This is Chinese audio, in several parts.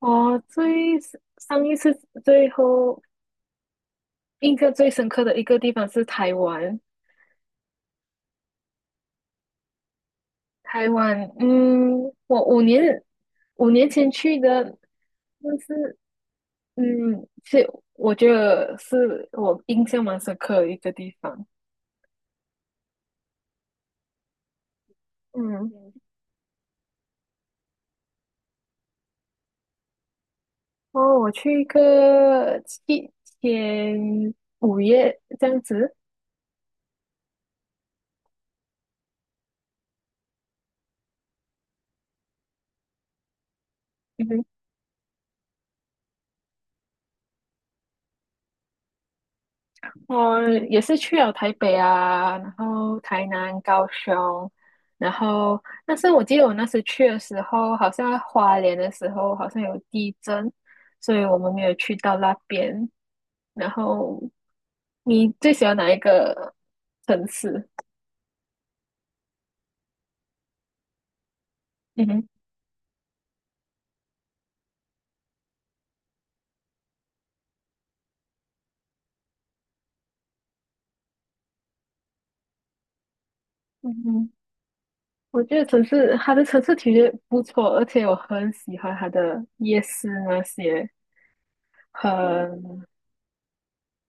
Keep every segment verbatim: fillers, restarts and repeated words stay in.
我最 s- 上一次最后印象最深刻的一个地方是台湾。台湾，嗯，我五年五年前去的。但是嗯，是我觉得是我印象蛮深刻的一个地方。嗯，哦，我去一个七天，五月这样子。我也是去了台北啊，然后台南、高雄。然后但是我记得我那时去的时候，好像花莲的时候好像有地震，所以我们没有去到那边。然后你最喜欢哪一个城市？嗯哼。嗯哼，我觉得城市它的城市体验不错，而且我很喜欢它的夜市那些。很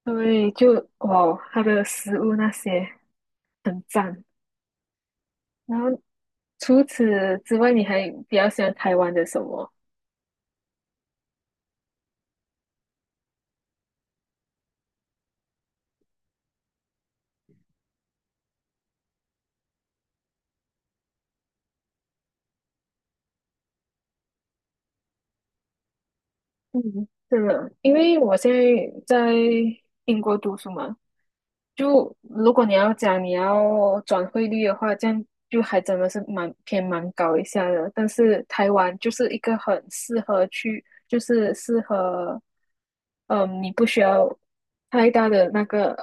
对，就哦，它的食物那些很赞。然后除此之外，你还比较喜欢台湾的什么？嗯，是的，因为我现在在英国读书嘛。就如果你要讲你要转汇率的话，这样就还真的是蛮偏蛮高一下的。但是台湾就是一个很适合去，就是适合，嗯，你不需要太大的那个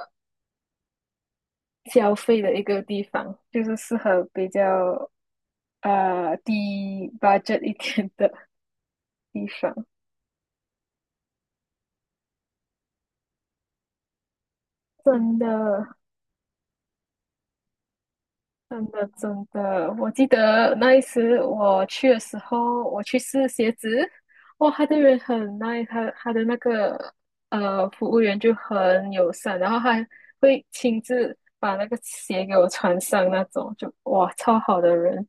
消费的一个地方，就是适合比较呃低 budget 一点的地方。真的，真的，真的，我记得那一次我去的时候，我去试鞋子，哇，他的人很 nice。他他的那个呃服务员就很友善，然后还会亲自把那个鞋给我穿上那种，就哇，超好的人。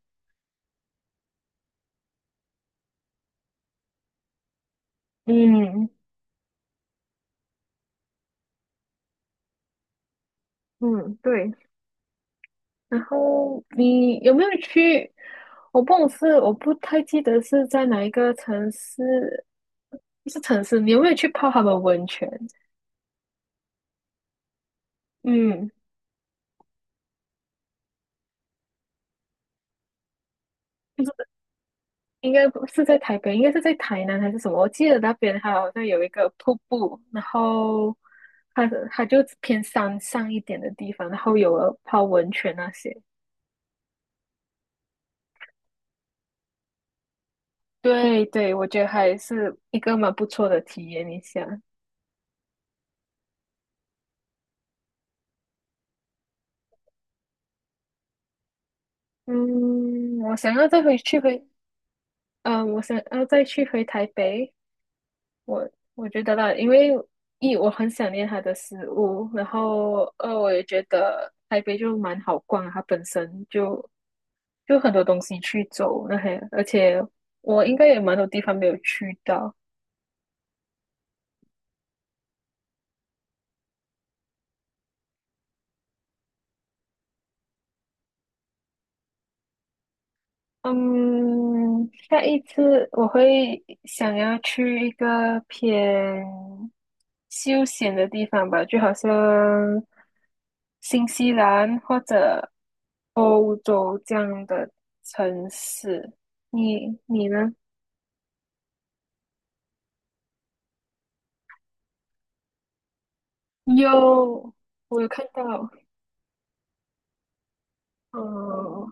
嗯嗯，对，然后你有没有去？我不懂是我不太记得是在哪一个城市，不是城市。你有没有去泡他们温泉？嗯，就是应该不是在台北，应该是在台南还是什么？我记得那边它好像有一个瀑布，然后它它就偏山上一点的地方，然后有了泡温泉那些。对对，我觉得还是一个蛮不错的体验一下。嗯，我想要再回去回，嗯、我想要再去回台北。我我觉得啦，因为一我很想念他的食物，然后二我也觉得台北就蛮好逛啊，它本身就就很多东西去走那些，而且我应该也蛮多地方没有去到。嗯，下一次我会想要去一个偏休闲的地方吧，就好像新西兰或者欧洲这样的城市。你你呢？有，我有看到。哦、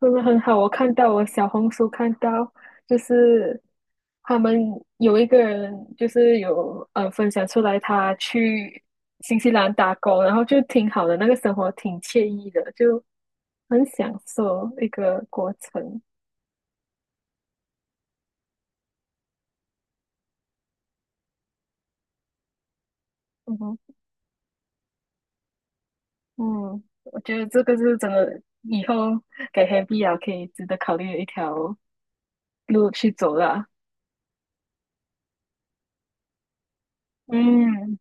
真的很好，我看到我小红书看到，就是他们有一个人就是有呃分享出来，他去新西兰打工，然后就挺好的，那个生活挺惬意的，就很享受一个过程。嗯哼。嗯，我觉得这个是真的，以后给 Happy 啊可以值得考虑的一条路去走了。嗯，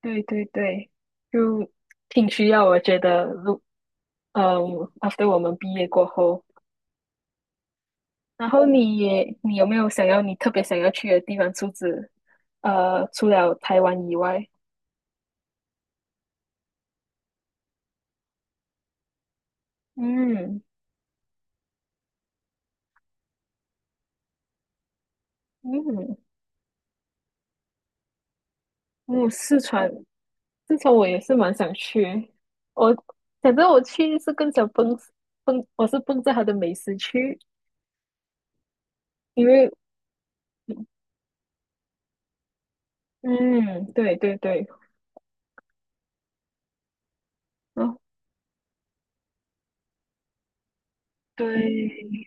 对对对，就挺需要，我觉得，路。嗯 a f t e r 我们毕业过后，然后你也你有没有想要你特别想要去的地方？除此呃，除了台湾以外，嗯嗯，嗯，四川，四川我也是蛮想去。我反正我去是更想奔奔，我是奔着它的美食去，因为嗯，对对对，哦对，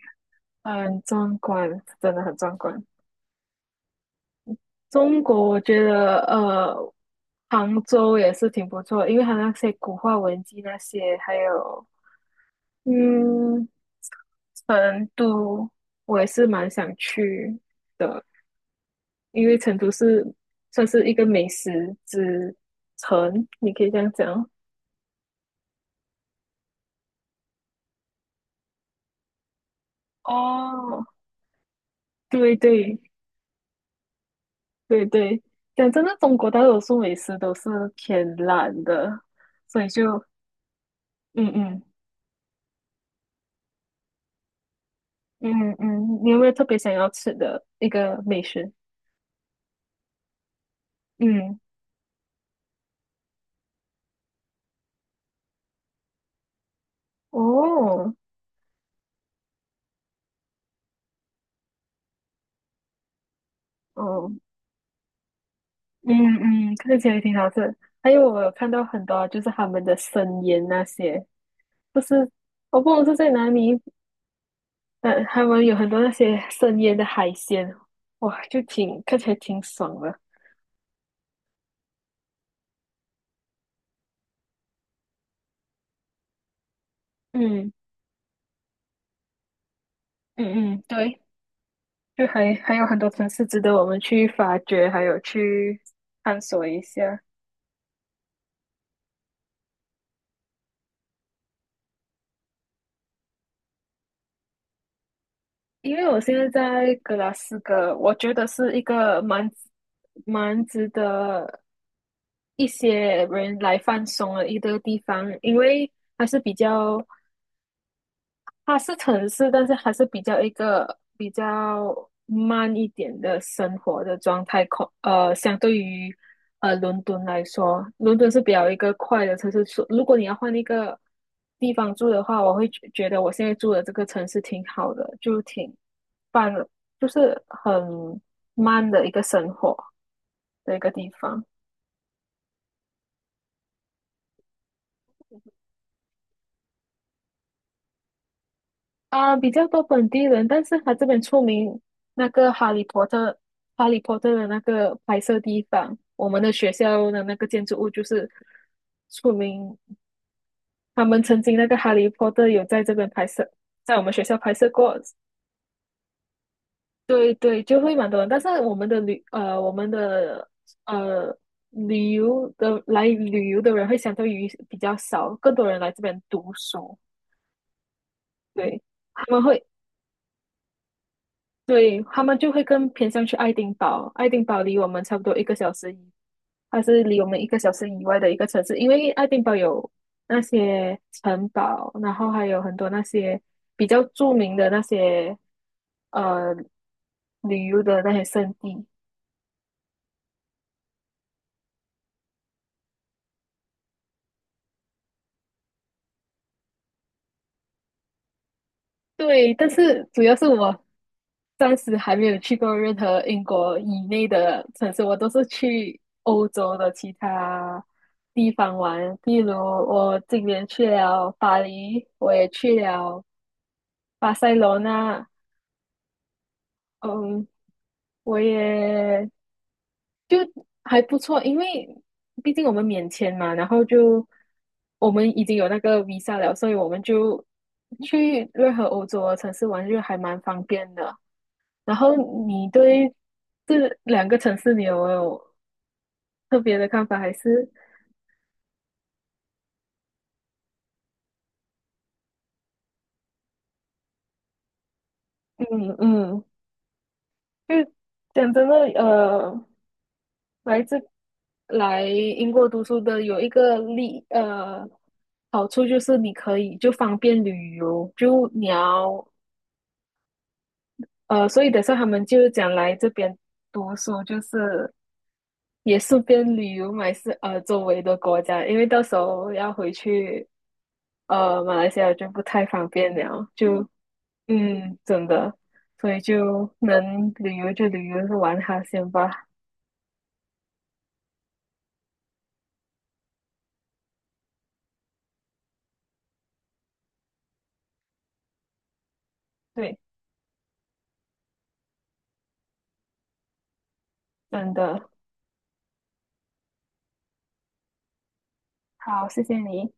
很壮观，真的很壮观。中国我觉得呃，杭州也是挺不错因为它那些古话文集那些，还有嗯，成都我也是蛮想去的，因为成都是算是一个美食之城，你可以这样讲。哦，对对对对，讲真的，中国大多数美食都是偏辣的，所以就嗯嗯嗯嗯。嗯嗯，你有没有特别想要吃的一个美食？嗯，哦，哦，嗯嗯，看起来挺好吃。还有我有看到很多就是他们的生腌那些，不是，我不懂是在哪里，但他们有很多那些生腌的海鲜，哇，就挺看起来挺爽的。嗯嗯嗯，对，就还还有很多城市值得我们去发掘，还有去探索一下。因为我现在在格拉斯哥，我觉得是一个蛮蛮值得一些人来放松的一个地方。因为还是比较，它是城市，但是还是比较一个比较慢一点的生活的状态。可呃，相对于呃伦敦来说，伦敦是比较一个快的城市。所如果你要换一个地方住的话，我会觉觉得我现在住的这个城市挺好的，就挺棒的，就是很慢的一个生活的一个地方。啊，比较多本地人，但是他这边出名那个《哈利波特》。《哈利波特》的那个拍摄地方，我们的学校的那个建筑物就是出名。他们曾经那个《哈利波特》有在这边拍摄，在我们学校拍摄过。对对，就会蛮多人。但是我们的旅呃，我们的呃旅游的来旅游的人会相对于比较少，更多人来这边读书。对，他们会对，他们就会更偏向去爱丁堡。爱丁堡离我们差不多一个小时以，它是离我们一个小时以外的一个城市，因为爱丁堡有那些城堡，然后还有很多那些比较著名的那些呃旅游的那些胜地。对，但是主要是我暂时还没有去过任何英国以内的城市，我都是去欧洲的其他地方玩。比如我今年去了巴黎，我也去了巴塞罗那。嗯，我也就还不错，因为毕竟我们免签嘛，然后就我们已经有那个 visa 了，所以我们就去任何欧洲的城市玩就还蛮方便的。然后你对这两个城市，你有没有特别的看法？还是嗯嗯，就讲真的，呃，来自来英国读书的有一个利呃好处就是你可以就方便旅游，就你要呃，所以等下他们就讲来这边读书，就是也是边旅游买是呃周围的国家，因为到时候要回去呃马来西亚就不太方便了，就嗯真的，所以就能旅游就旅游，玩哈先吧，对，真的好，谢谢你。